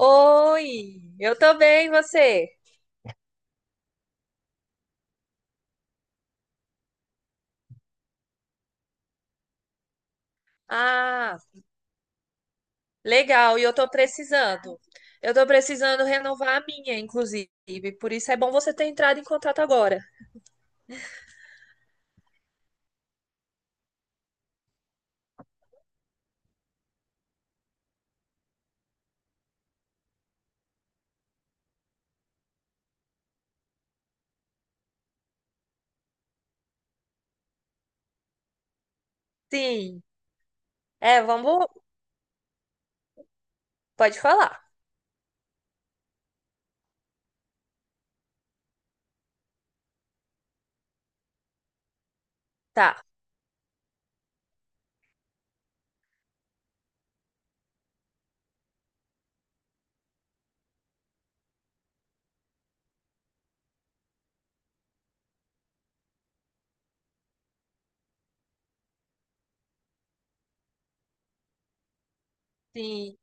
Oi, eu tô bem, e você? Ah, legal, e eu tô precisando. Eu tô precisando renovar a minha, inclusive, por isso é bom você ter entrado em contato agora. Sim, é, vamos, pode falar. Tá, sim.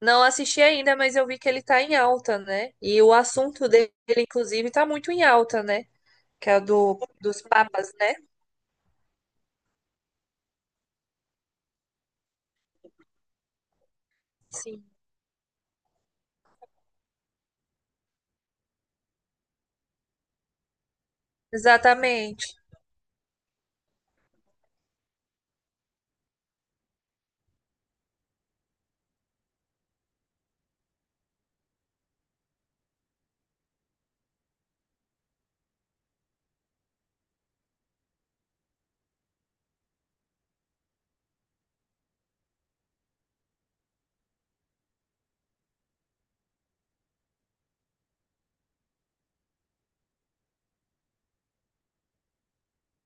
Não assisti ainda, mas eu vi que ele tá em alta, né? E o assunto dele, inclusive, tá muito em alta, né? Que é dos papas, né? Sim, exatamente.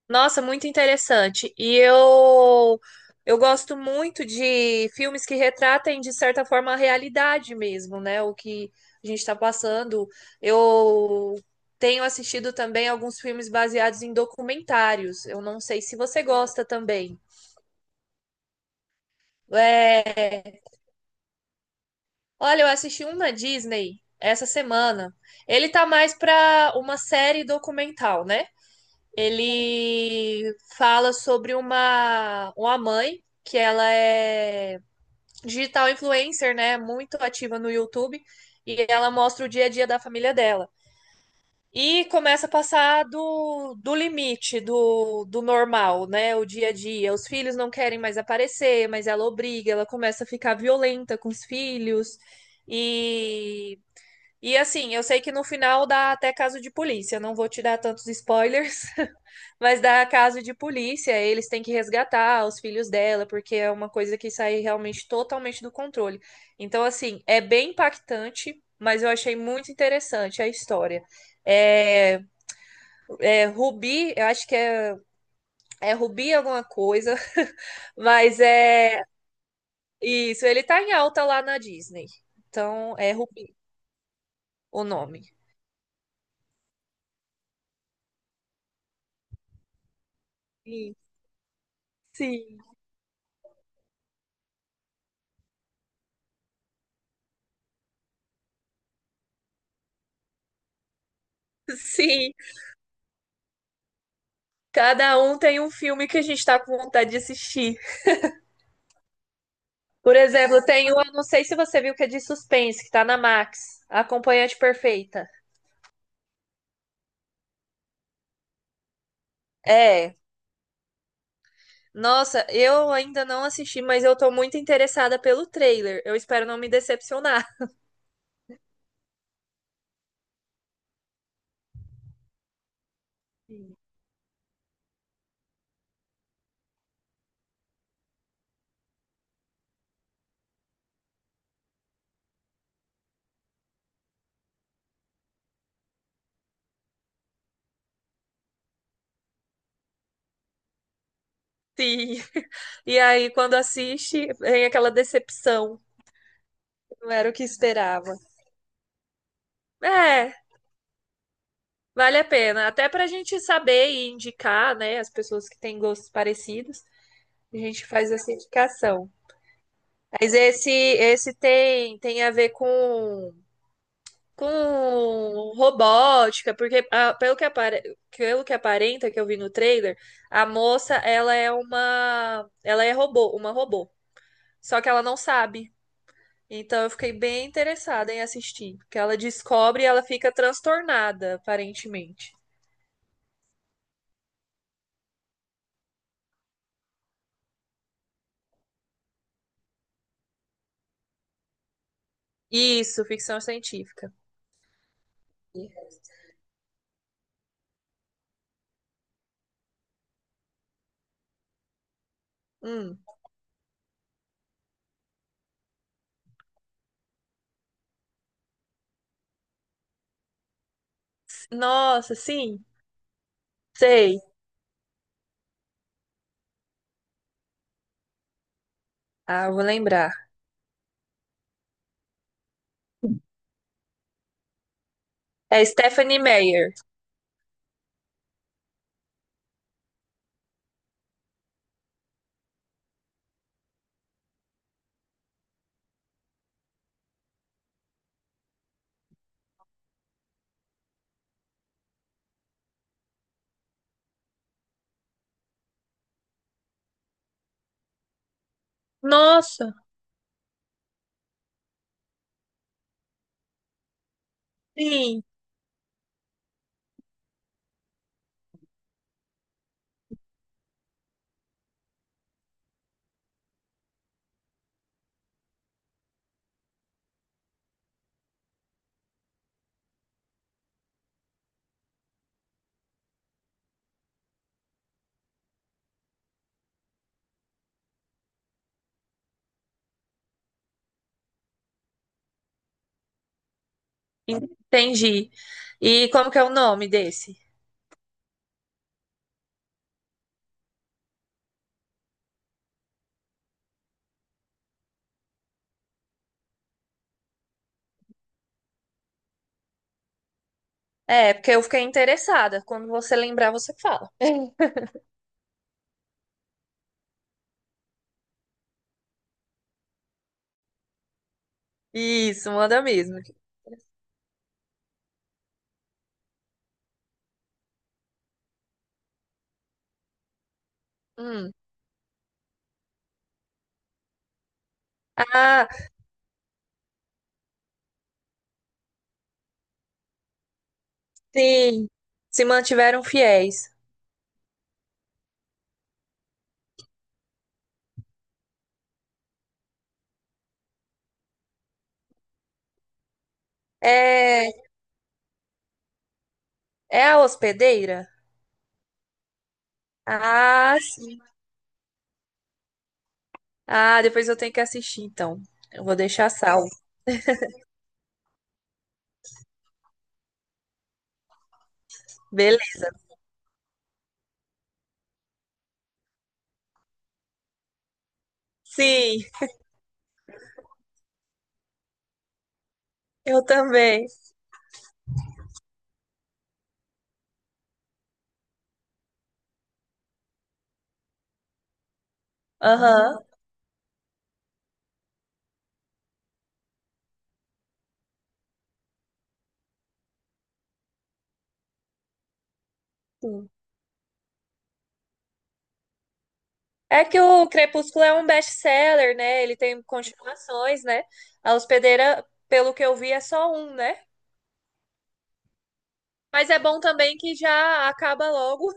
Nossa, muito interessante. E eu gosto muito de filmes que retratem, de certa forma, a realidade mesmo, né? O que a gente está passando. Eu tenho assistido também alguns filmes baseados em documentários. Eu não sei se você gosta também. É, olha, eu assisti um na Disney essa semana. Ele tá mais para uma série documental, né? Ele fala sobre uma mãe que ela é digital influencer, né? Muito ativa no YouTube. E ela mostra o dia a dia da família dela. E começa a passar do limite do normal, né? O dia a dia. Os filhos não querem mais aparecer, mas ela obriga, ela começa a ficar violenta com os filhos. E, e assim, eu sei que no final dá até caso de polícia, não vou te dar tantos spoilers. Mas dá caso de polícia, eles têm que resgatar os filhos dela, porque é uma coisa que sai realmente totalmente do controle. Então, assim, é bem impactante, mas eu achei muito interessante a história. É, é Rubi, eu acho que é, é Rubi alguma coisa, mas é isso, ele tá em alta lá na Disney. Então, é Rubi o nome. Sim, sim. Sim, cada um tem um filme que a gente tá com vontade de assistir. Por exemplo, tem uma, não sei se você viu que é de suspense, que tá na Max, A Acompanhante Perfeita. É. Nossa, eu ainda não assisti, mas eu tô muito interessada pelo trailer. Eu espero não me decepcionar. Sim. E aí, quando assiste, vem aquela decepção. Não era o que esperava. É, vale a pena. Até pra gente saber e indicar, né, as pessoas que têm gostos parecidos, a gente faz essa indicação. Mas esse tem, tem a ver com robótica, porque ah, pelo que apare- pelo que aparenta que eu vi no trailer, a moça, ela é uma, ela é robô, uma robô. Só que ela não sabe. Então eu fiquei bem interessada em assistir, porque ela descobre e ela fica transtornada, aparentemente. Isso, ficção científica. Hum. Nossa, sim, sei. Ah, eu vou lembrar. É Stephanie Meyer. Nossa, sim, entendi. E como que é o nome desse? É, porque eu fiquei interessada. Quando você lembrar, você fala. Isso, manda mesmo. Hum. Ah, sim. Se mantiveram fiéis. É, é a hospedeira? Ah, sim. Ah, depois eu tenho que assistir, então. Eu vou deixar salvo. Beleza. Sim, eu também. Aham. Sim. É que o Crepúsculo é um best-seller, né? Ele tem continuações, né? A hospedeira, pelo que eu vi, é só um, né? Mas é bom também que já acaba logo.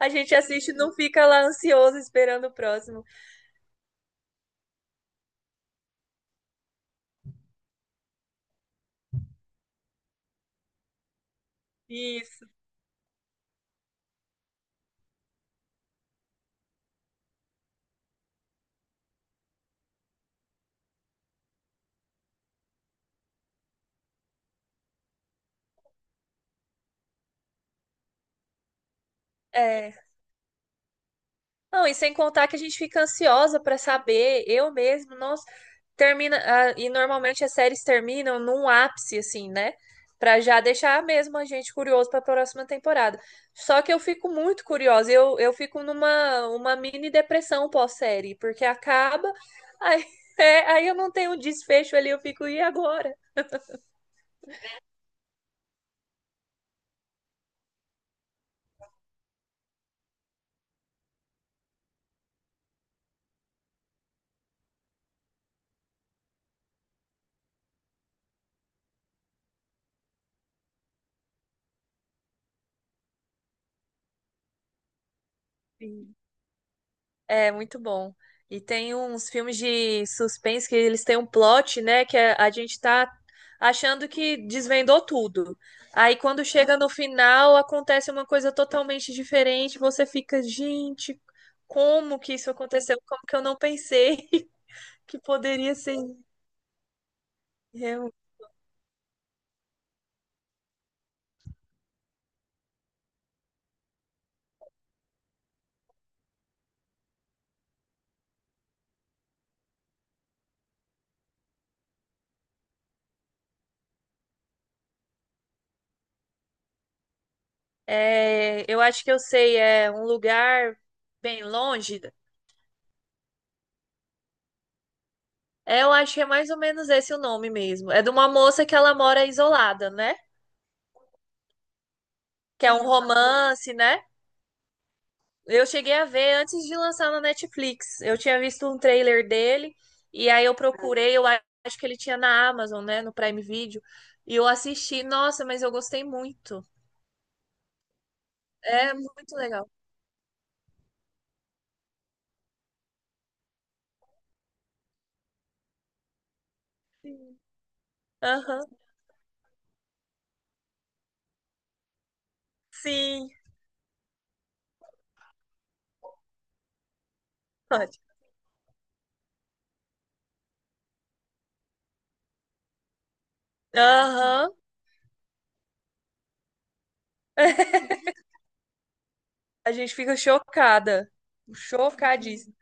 A gente assiste e não fica lá ansioso esperando o próximo. Isso. É. Não, e sem contar que a gente fica ansiosa pra saber, eu mesmo, nossa, termina, ah, e normalmente as séries terminam num ápice assim, né? Pra já deixar mesmo a gente curioso pra próxima temporada. Só que eu fico muito curiosa, eu fico numa uma mini depressão pós-série, porque acaba, aí, é, aí eu não tenho um desfecho ali, eu fico, e agora? É muito bom. E tem uns filmes de suspense que eles têm um plot, né? Que a gente tá achando que desvendou tudo. Aí quando chega no final, acontece uma coisa totalmente diferente. Você fica, gente, como que isso aconteceu? Como que eu não pensei que poderia ser? Eu, é, eu acho que eu sei, é um lugar bem longe. É, eu acho que é mais ou menos esse o nome mesmo. É de uma moça que ela mora isolada, né? Que é um romance, né? Eu cheguei a ver antes de lançar na Netflix. Eu tinha visto um trailer dele e aí eu procurei, eu acho que ele tinha na Amazon, né, no Prime Video, e eu assisti. Nossa, mas eu gostei muito. É muito legal. Sim. Aham. Sim. Pode. Aham. A gente fica chocada. Chocadíssima.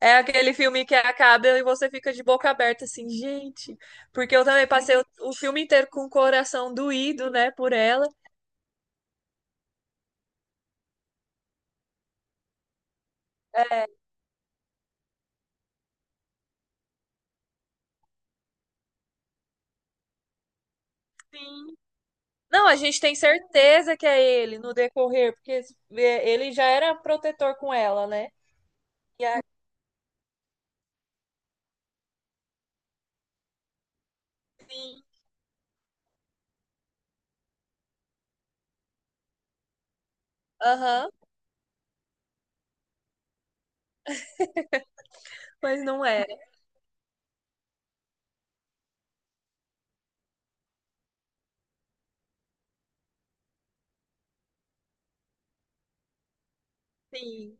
É aquele filme que acaba e você fica de boca aberta, assim, gente. Porque eu também passei o filme inteiro com o coração doído, né, por ela. É, sim. Não, a gente tem certeza que é ele no decorrer, porque é, ele já era protetor com ela, né? E aí, sim, aham, mas não era. Sim,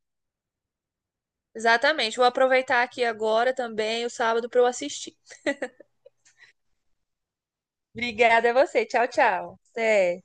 exatamente. Vou aproveitar aqui agora também o sábado para eu assistir. Obrigada a você. Tchau, tchau. Até.